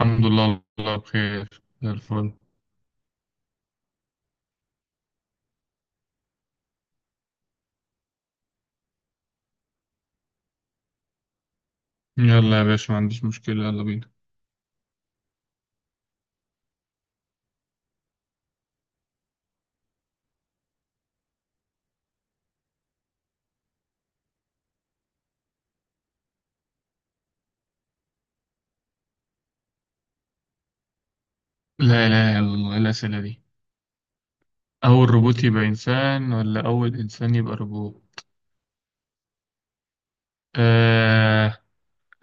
الحمد لله، الله بخير زي الفل. يلا يا باشا، ما عنديش مشكلة، يلا بينا. لا لا، يلا الله، إيه الأسئلة دي؟ أول روبوت يبقى إنسان ولا أول إنسان يبقى روبوت؟ آه،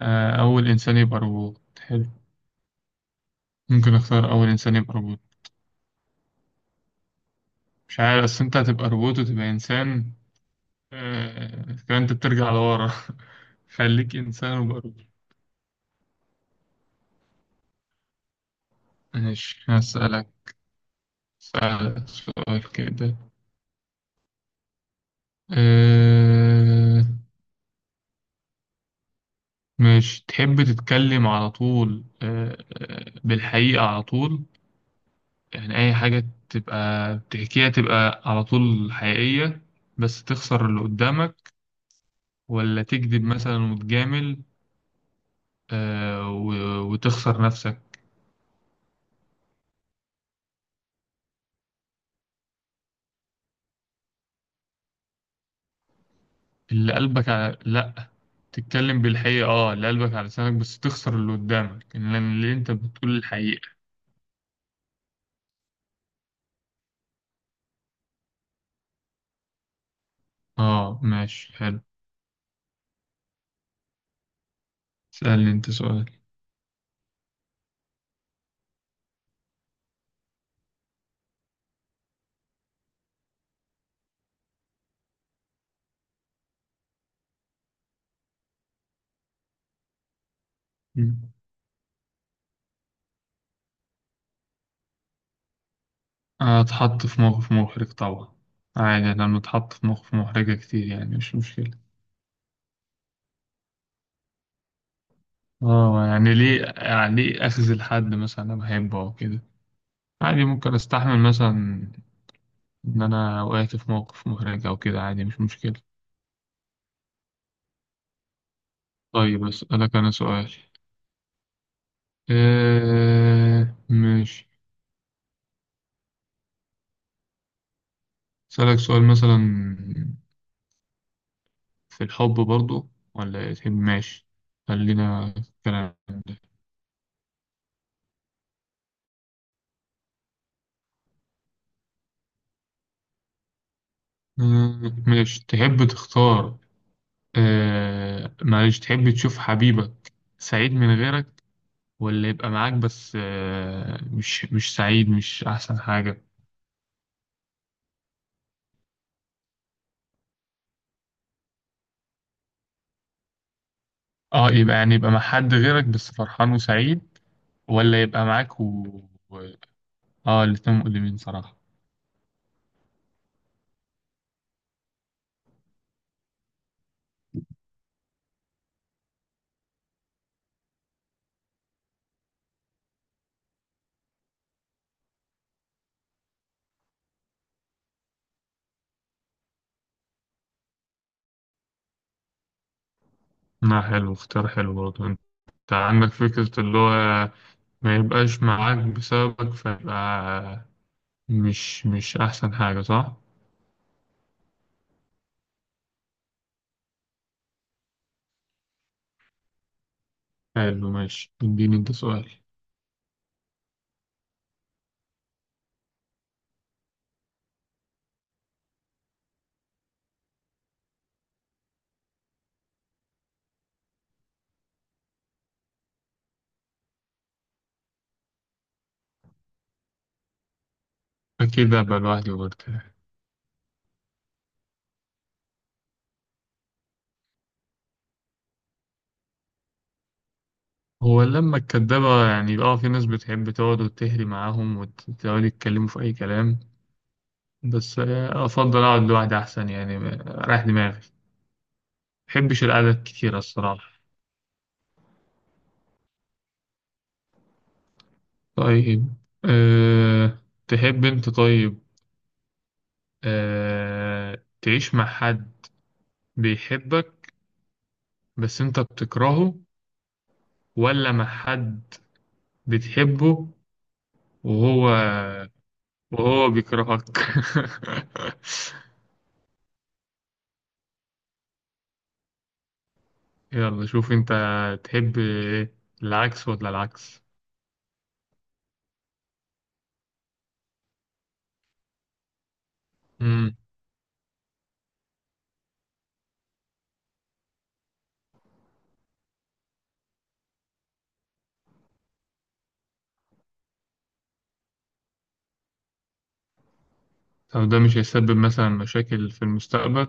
آه، أول إنسان يبقى روبوت حلو. ممكن أختار أول إنسان يبقى روبوت. مش عارف، أصل أنت هتبقى روبوت وتبقى إنسان. فأنت بترجع لورا. خليك إنسان وبقى روبوت. ماشي، هسألك سؤال كده. آه مش تحب تتكلم على طول، بالحقيقة على طول؟ يعني أي حاجة تبقى بتحكيها تبقى على طول حقيقية، بس تخسر اللي قدامك، ولا تكذب مثلا وتجامل وتخسر نفسك؟ اللي قلبك على، لأ، تتكلم بالحقيقة، اللي قلبك على لسانك، بس تخسر اللي قدامك، لأن اللي انت بتقول الحقيقة. اه، ماشي، حلو، اسألني انت سؤال. اتحط في موقف محرج طبعا. عادي، أنا لما اتحط في موقف محرجة كتير، يعني مش مشكلة. اه، يعني ليه أخذ الحد مثلا أنا بحبه أو كده. عادي ممكن أستحمل مثلا إن أنا وقعت في موقف محرج أو كده، عادي، مش مشكلة. طيب أسألك أنا سؤال. إيه، ماشي، أسألك سؤال مثلا في الحب برضو، ولا إيه؟ تحب ماشي، خلينا في الكلام ده. ماشي، تحب تختار. معلش، تحب تشوف حبيبك سعيد من غيرك، ولا يبقى معاك بس مش سعيد، مش أحسن حاجة؟ اه، يبقى، يعني يبقى مع حد غيرك بس فرحان وسعيد، ولا يبقى معاك و... اه، الاتنين مؤلمين صراحة. لا، حلو، اختيار حلو برضه. انت عندك فكرة، اللي هو ما يبقاش معاك بسببك، فيبقى مش أحسن حاجة، صح؟ حلو، ماشي، اديني انت سؤال. أكيد أبقى لوحدي برضه. هو اللمة الكدابة، يعني اه في ناس بتحب تقعد وتهري معاهم وتقعدوا يتكلموا في أي كلام، بس أفضل أقعد لوحدي أحسن، يعني رايح دماغي. مبحبش القعدة الكتيرة الصراحة. طيب، أه تحب أنت؟ طيب، تعيش مع حد بيحبك بس أنت بتكرهه، ولا مع حد بتحبه وهو وهو بيكرهك؟ يلا، شوف انت، تحب العكس ولا العكس؟ امم. طب ده مش هيسبب مثلا مشاكل في المستقبل؟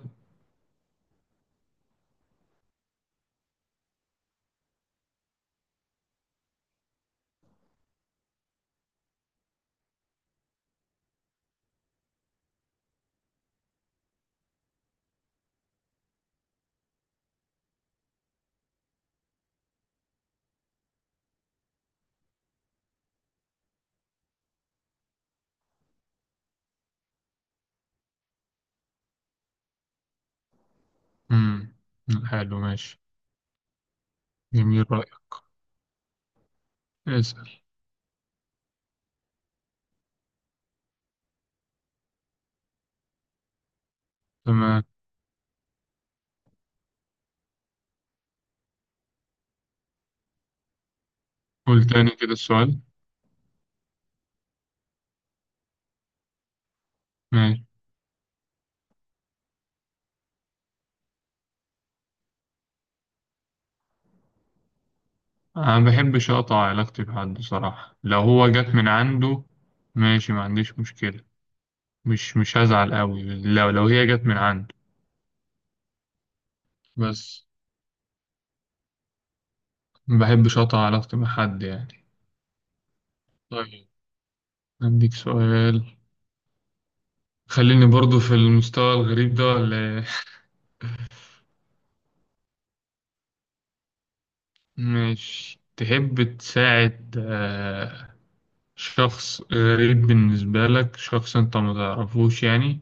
امم. حلو، ماشي، جميل رأيك، اسأل. تمام. قول تاني كده السؤال. ماشي. انا ما بحبش اقطع علاقتي بحد صراحة، لو هو جت من عنده ماشي، ما عنديش مشكلة، مش هزعل قوي لو هي جت من عنده. بس ما بحبش اقطع علاقتي مع حد يعني. طيب، عندك سؤال، خليني برضو في المستوى الغريب ده، ولا إيه؟ مش تحب تساعد شخص غريب بالنسبة لك، شخص انت ما تعرفوش، يعني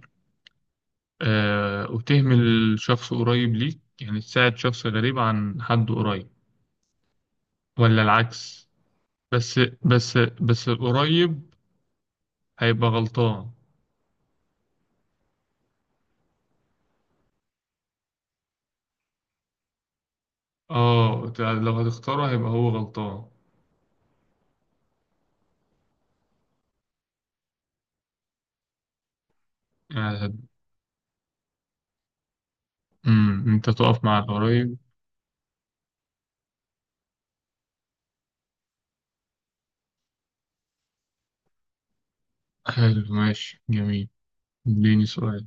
وتهمل شخص قريب ليك؟ يعني تساعد شخص غريب عن حد قريب، ولا العكس؟ بس، بس القريب هيبقى غلطان. اه، لو هتختاره هيبقى هو غلطان. يعني هت- انت تقف مع القريب. حلو، ماشي، جميل، اديني سؤال.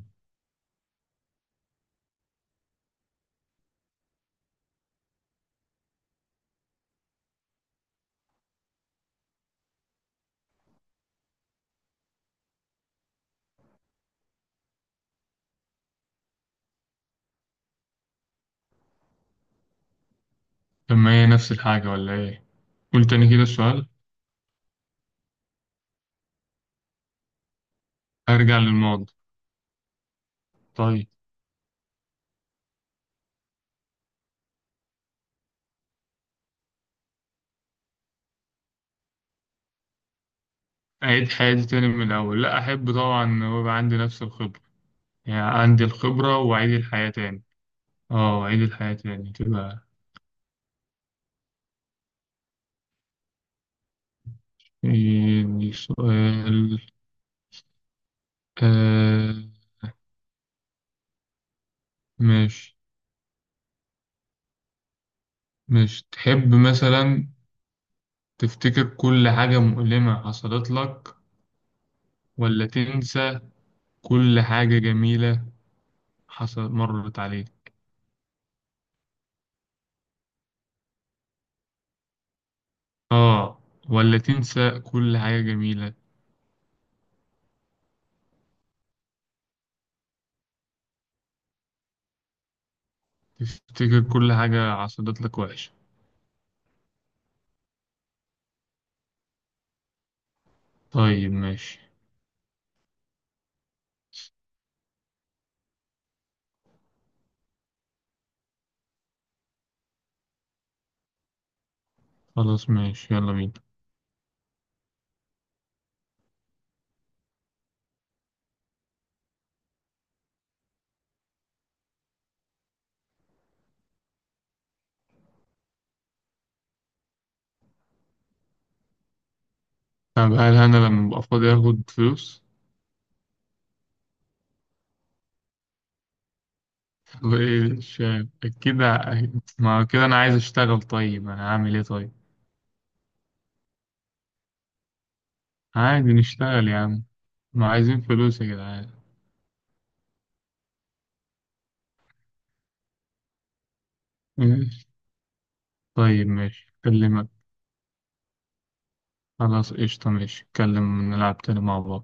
طب ما هي نفس الحاجة، ولا ايه؟ قول تاني كده السؤال. ارجع للماضي. طيب، اعيد حياتي تاني من الاول، لا احب طبعا، ويبقى عندي نفس الخبره، يعني عندي الخبره واعيد الحياه تاني. اه، اعيد الحياه تاني تبقى. إيه سؤال؟ آه ماشي، مش تحب مثلا تفتكر كل حاجه مؤلمه حصلت لك، ولا تنسى كل حاجه جميله حصل مرت عليك؟ اه، ولا تنسى كل حاجه جميله، تفتكر كل حاجه حصلت لك وحشه. طيب، ماشي. خلاص ماشي، يلا بينا. طب هل أنا لما أبقى فاضي آخد فلوس؟ وإيه مش عارف. أكيد ما هو كده، أنا عايز أشتغل، طيب أنا هعمل إيه طيب؟ عادي نشتغل يا عم، ما عايزين فلوس يا جدعان. ماشي. طيب ماشي، أكلمك. خلاص، قشطة، ماشي، نتكلم نلعب تاني مع بعض.